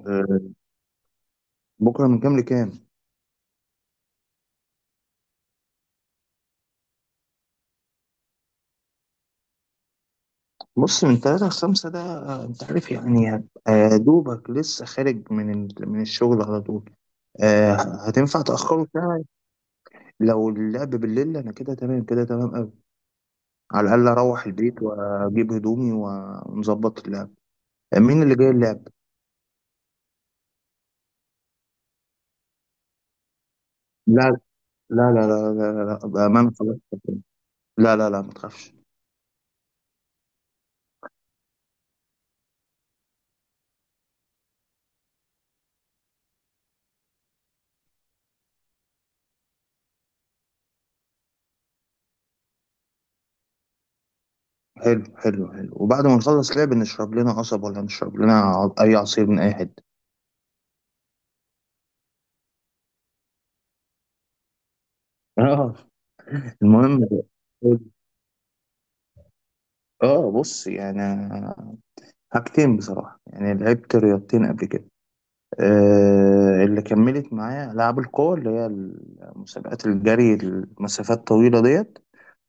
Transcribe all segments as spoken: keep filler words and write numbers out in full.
آه، بكرة من كام لكام؟ بص من تلاتة لخمسة ده، آه، أنت عارف يعني هبقى دوبك لسه خارج من ال- من الشغل على طول. آه، هتنفع تأخره ساعة. لو اللعب بالليل أنا كده تمام، كده تمام أوي. على الأقل أروح البيت وأجيب هدومي ونظبط اللعب. آه، مين اللي جاي اللعب؟ لا لا لا لا لا لا لا، بأمانة خلاص. لا لا لا، ما تخافش. حلو حلو حلو، وبعد ما نخلص لعب نشرب لنا قصب ولا نشرب لنا ع- أي عصير من أي حتة. اه. المهم، اه بص يعني، حاجتين بصراحة، يعني لعبت رياضتين قبل كده. آه اللي كملت معايا ألعاب القوة، اللي هي مسابقات الجري المسافات طويلة ديت،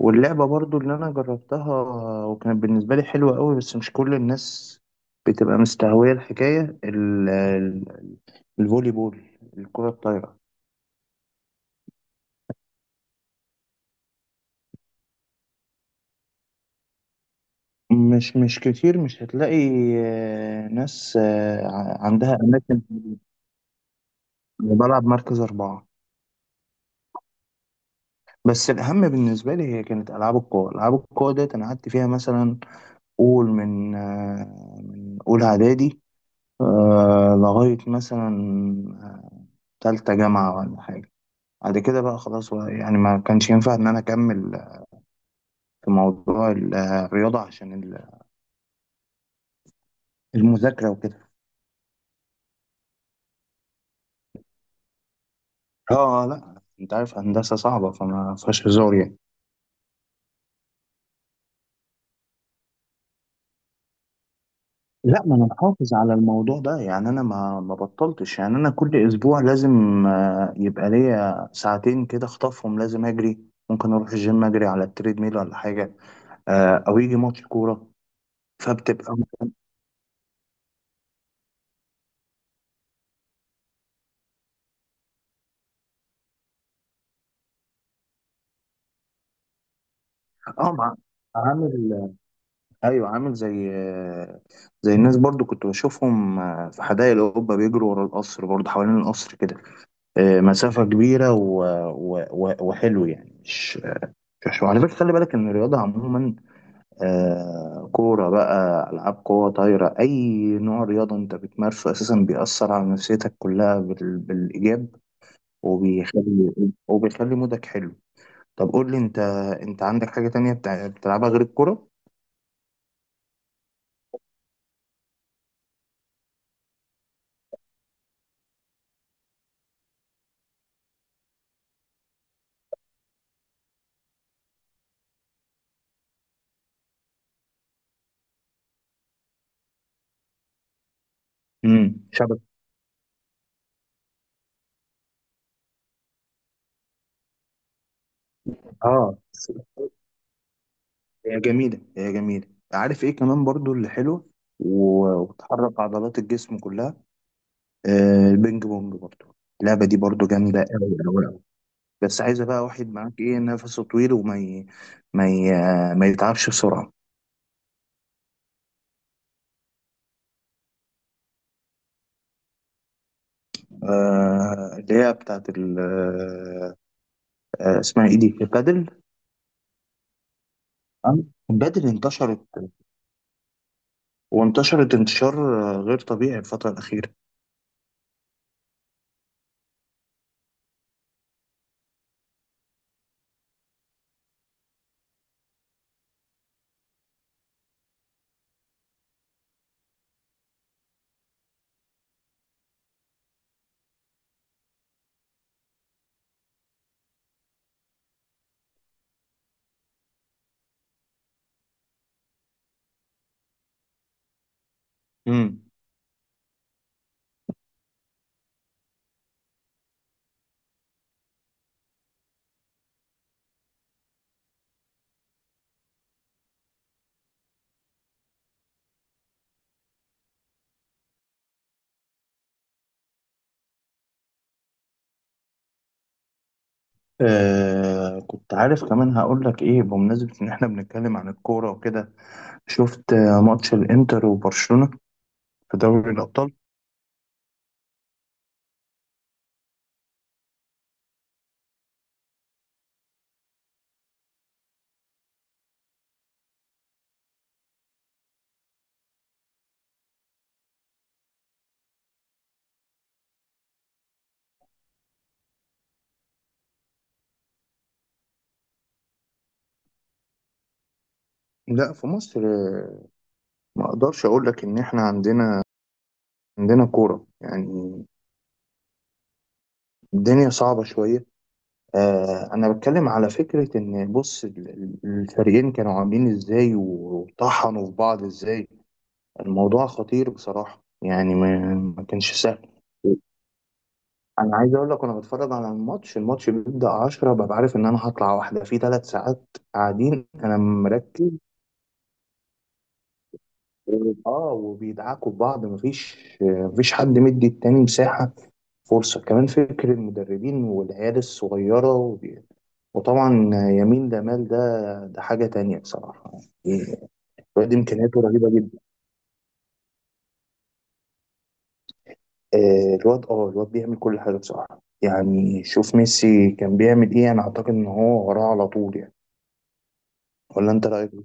واللعبة برضو اللي أنا جربتها، وكانت بالنسبة لي حلوة قوي، بس مش كل الناس بتبقى مستهوية الحكاية ال- ال-، الفولي بول، الكرة الطايرة. مش مش كتير، مش هتلاقي آه، ناس آه، ع- عندها أماكن. أنا بلعب مركز أربعة. بس الأهم بالنسبة لي هي كانت ألعاب القوى. ألعاب القوى ديت أنا قعدت فيها مثلا، قول من آه، من أولى إعدادي، آه، لغاية مثلا آه، تالتة جامعة ولا حاجة. بعد كده بقى خلاص بقى، يعني ما كانش ينفع إن أنا أكمل في موضوع ال- آه، الرياضة عشان ال- المذاكرة وكده. آه آه، لأ، أنت عارف هندسة صعبة، فما فيهاش هزار يعني. لا، ما انا محافظ على الموضوع ده يعني. انا ما ما بطلتش يعني. انا كل اسبوع لازم آه، يبقى ليا ساعتين كده اخطفهم، لازم اجري. ممكن اروح الجيم اجري على التريد ميل ولا حاجه، آه، او يجي ماتش كوره. فبتبقى، اه، مع- عامل، ايوه عامل زي آه، زي الناس. برضو كنت بشوفهم آه، في حدائق الاوروبا بيجروا ورا القصر، برضو حوالين القصر كده، آه، مسافه كبيره و... و... و... وحلو يعني. مش مش وعلى فكره، خلي بالك ان الرياضه عموما، آه كورة بقى، ألعاب قوة، طايرة، أي نوع رياضة أنت بتمارسه أساسا بيأثر على نفسيتك كلها بال... بالإيجاب، وبيخلي وبيخلي مودك حلو. طب قول لي أنت، أنت عندك حاجة تانية بتع- بتلعبها غير الكورة؟ امم، شبكة. اه، هي جميلة، هي جميلة. عارف إيه كمان برضو اللي حلو، و- وبتحرك عضلات الجسم كلها. آه البينج بونج برضو، اللعبة دي برضو جامدة أوي أوي. بس عايزه بقى واحد معاك ايه، نفسه طويل وما ي... ما ي... ما يتعبش بسرعه. آه اللي هي بتاعت ال... آه اسمها ايه دي، البادل. آه، البادل انتشرت، وانتشرت انتشار آه، غير طبيعي الفتره الاخيره. امم. آه كنت عارف. كمان هقول لك ايه، بمناسبه ان احنا بنتكلم عن الكوره وكده، شفت آه، ماتش الانتر وبرشلونه في دوري الابطال؟ لا في مصر آه، ما اقدرش اقول لك ان احنا عندنا عندنا كوره يعني. الدنيا صعبة شوية. آه أنا بتكلم على فكرة إن بص ال- ال- الفريقين كانوا عاملين إزاي وطحنوا في بعض إزاي. الموضوع خطير بصراحة، يعني ما, ما كانش سهل. أنا عايز أقول لك، أنا بتفرج على الماتش، الماتش بيبدأ عشرة، ببقى عارف إن أنا هطلع واحدة في ثلاث ساعات قاعدين، أنا مركز. و- آه وبيدعكوا في بعض، مفيش مفيش حد مدي التاني مساحة، فرصة كمان. فكر المدربين والعيال الصغيرة، وطبعا يمين جمال ده، ده حاجة تانية بصراحة يعني. الواد إمكانياته رهيبة جدا. آه، الواد، اه الواد بيعمل كل حاجة بصراحة يعني. شوف ميسي كان بيعمل ايه، أنا أعتقد إن هو وراه على طول يعني. ولا أنت رأيك إيه؟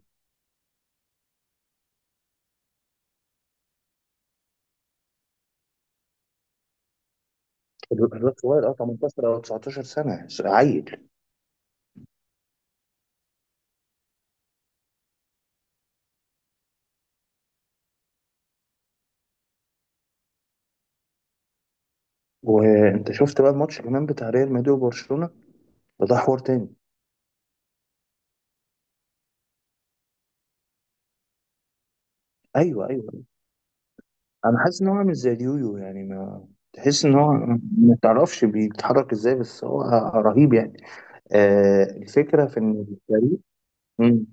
الواد صغير، اه تمنتاشر أو 19 سنة، عيل. وأنت شفت بقى الماتش كمان بتاع ريال مدريد وبرشلونة، ده حوار تاني. أيوه أيوه. أنا حاسس إن هو عامل زي اليويو يعني. ما تحس إن هو، ما تعرفش بيتحرك إزاي، بس هو رهيب يعني. آه الفكرة في إن الفريق. مم.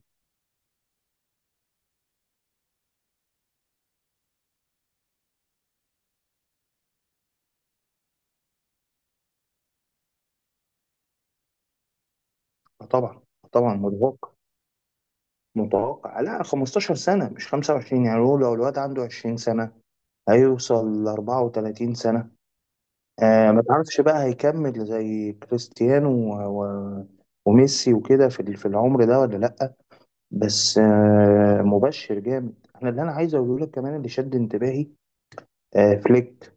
آه طبعا، آه طبعا متوقع. متوقع لا 15 سنة مش خمسة وعشرين يعني. هو لو الواد عنده 20 سنة، هيوصل ل 34 سنة. آه ما تعرفش بقى هيكمل زي كريستيانو و... و... وميسي وكده في ال- في العمر ده ولا لأ. بس آه مبشر جامد. أنا اللي أنا عايز أقوله لك كمان اللي شد انتباهي آه فليك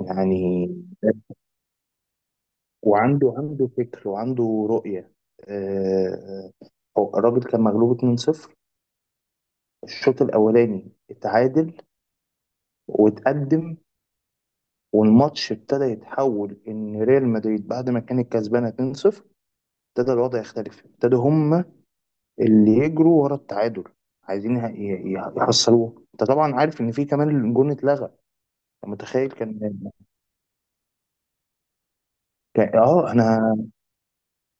يعني. وعنده عنده فكر وعنده رؤية. آه، هو الراجل كان مغلوب اتنين صفر، الشوط الأولاني اتعادل واتقدم. والماتش ابتدى يتحول، إن ريال مدريد بعد ما كانت كسبانة اتنين صفر، ابتدى الوضع يختلف. ابتدوا هم اللي يجروا ورا التعادل، عايزين يه- يه- يحصلوه. انت طبعا عارف ان في كمان الجون اتلغى. أنت متخيل؟ كان كان- اه انا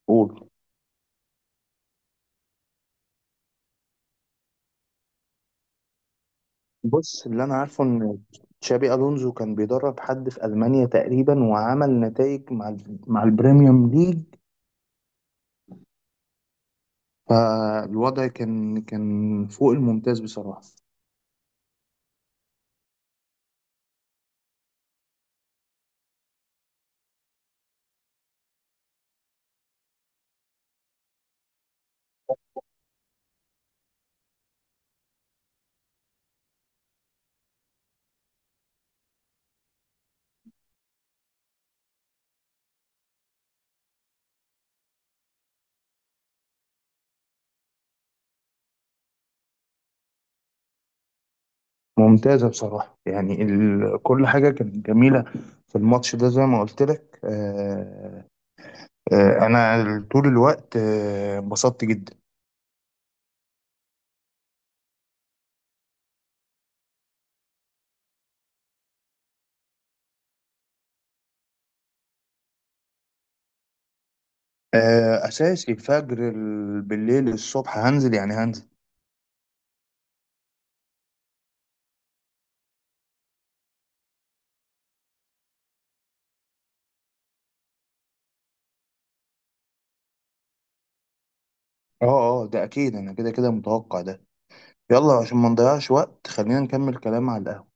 قول. بص اللي انا عارفه ان تشابي الونزو كان بيدرب حد في المانيا تقريبا، وعمل نتائج مع ال- مع البريميوم ليج. فالوضع كان، كان فوق الممتاز بصراحه. ممتازه بصراحه يعني. ال... كل حاجه كانت جميله في الماتش ده. زي ما قلت لك، آه... آه... انا طول الوقت آه، انبسطت جدا. آه... اساسي الفجر، ال- بالليل الصبح هنزل يعني، هنزل. اه اه، ده اكيد، انا كده كده متوقع ده. يلا عشان ما نضيعش وقت، خلينا نكمل كلام على القهوة.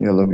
يلا بينا.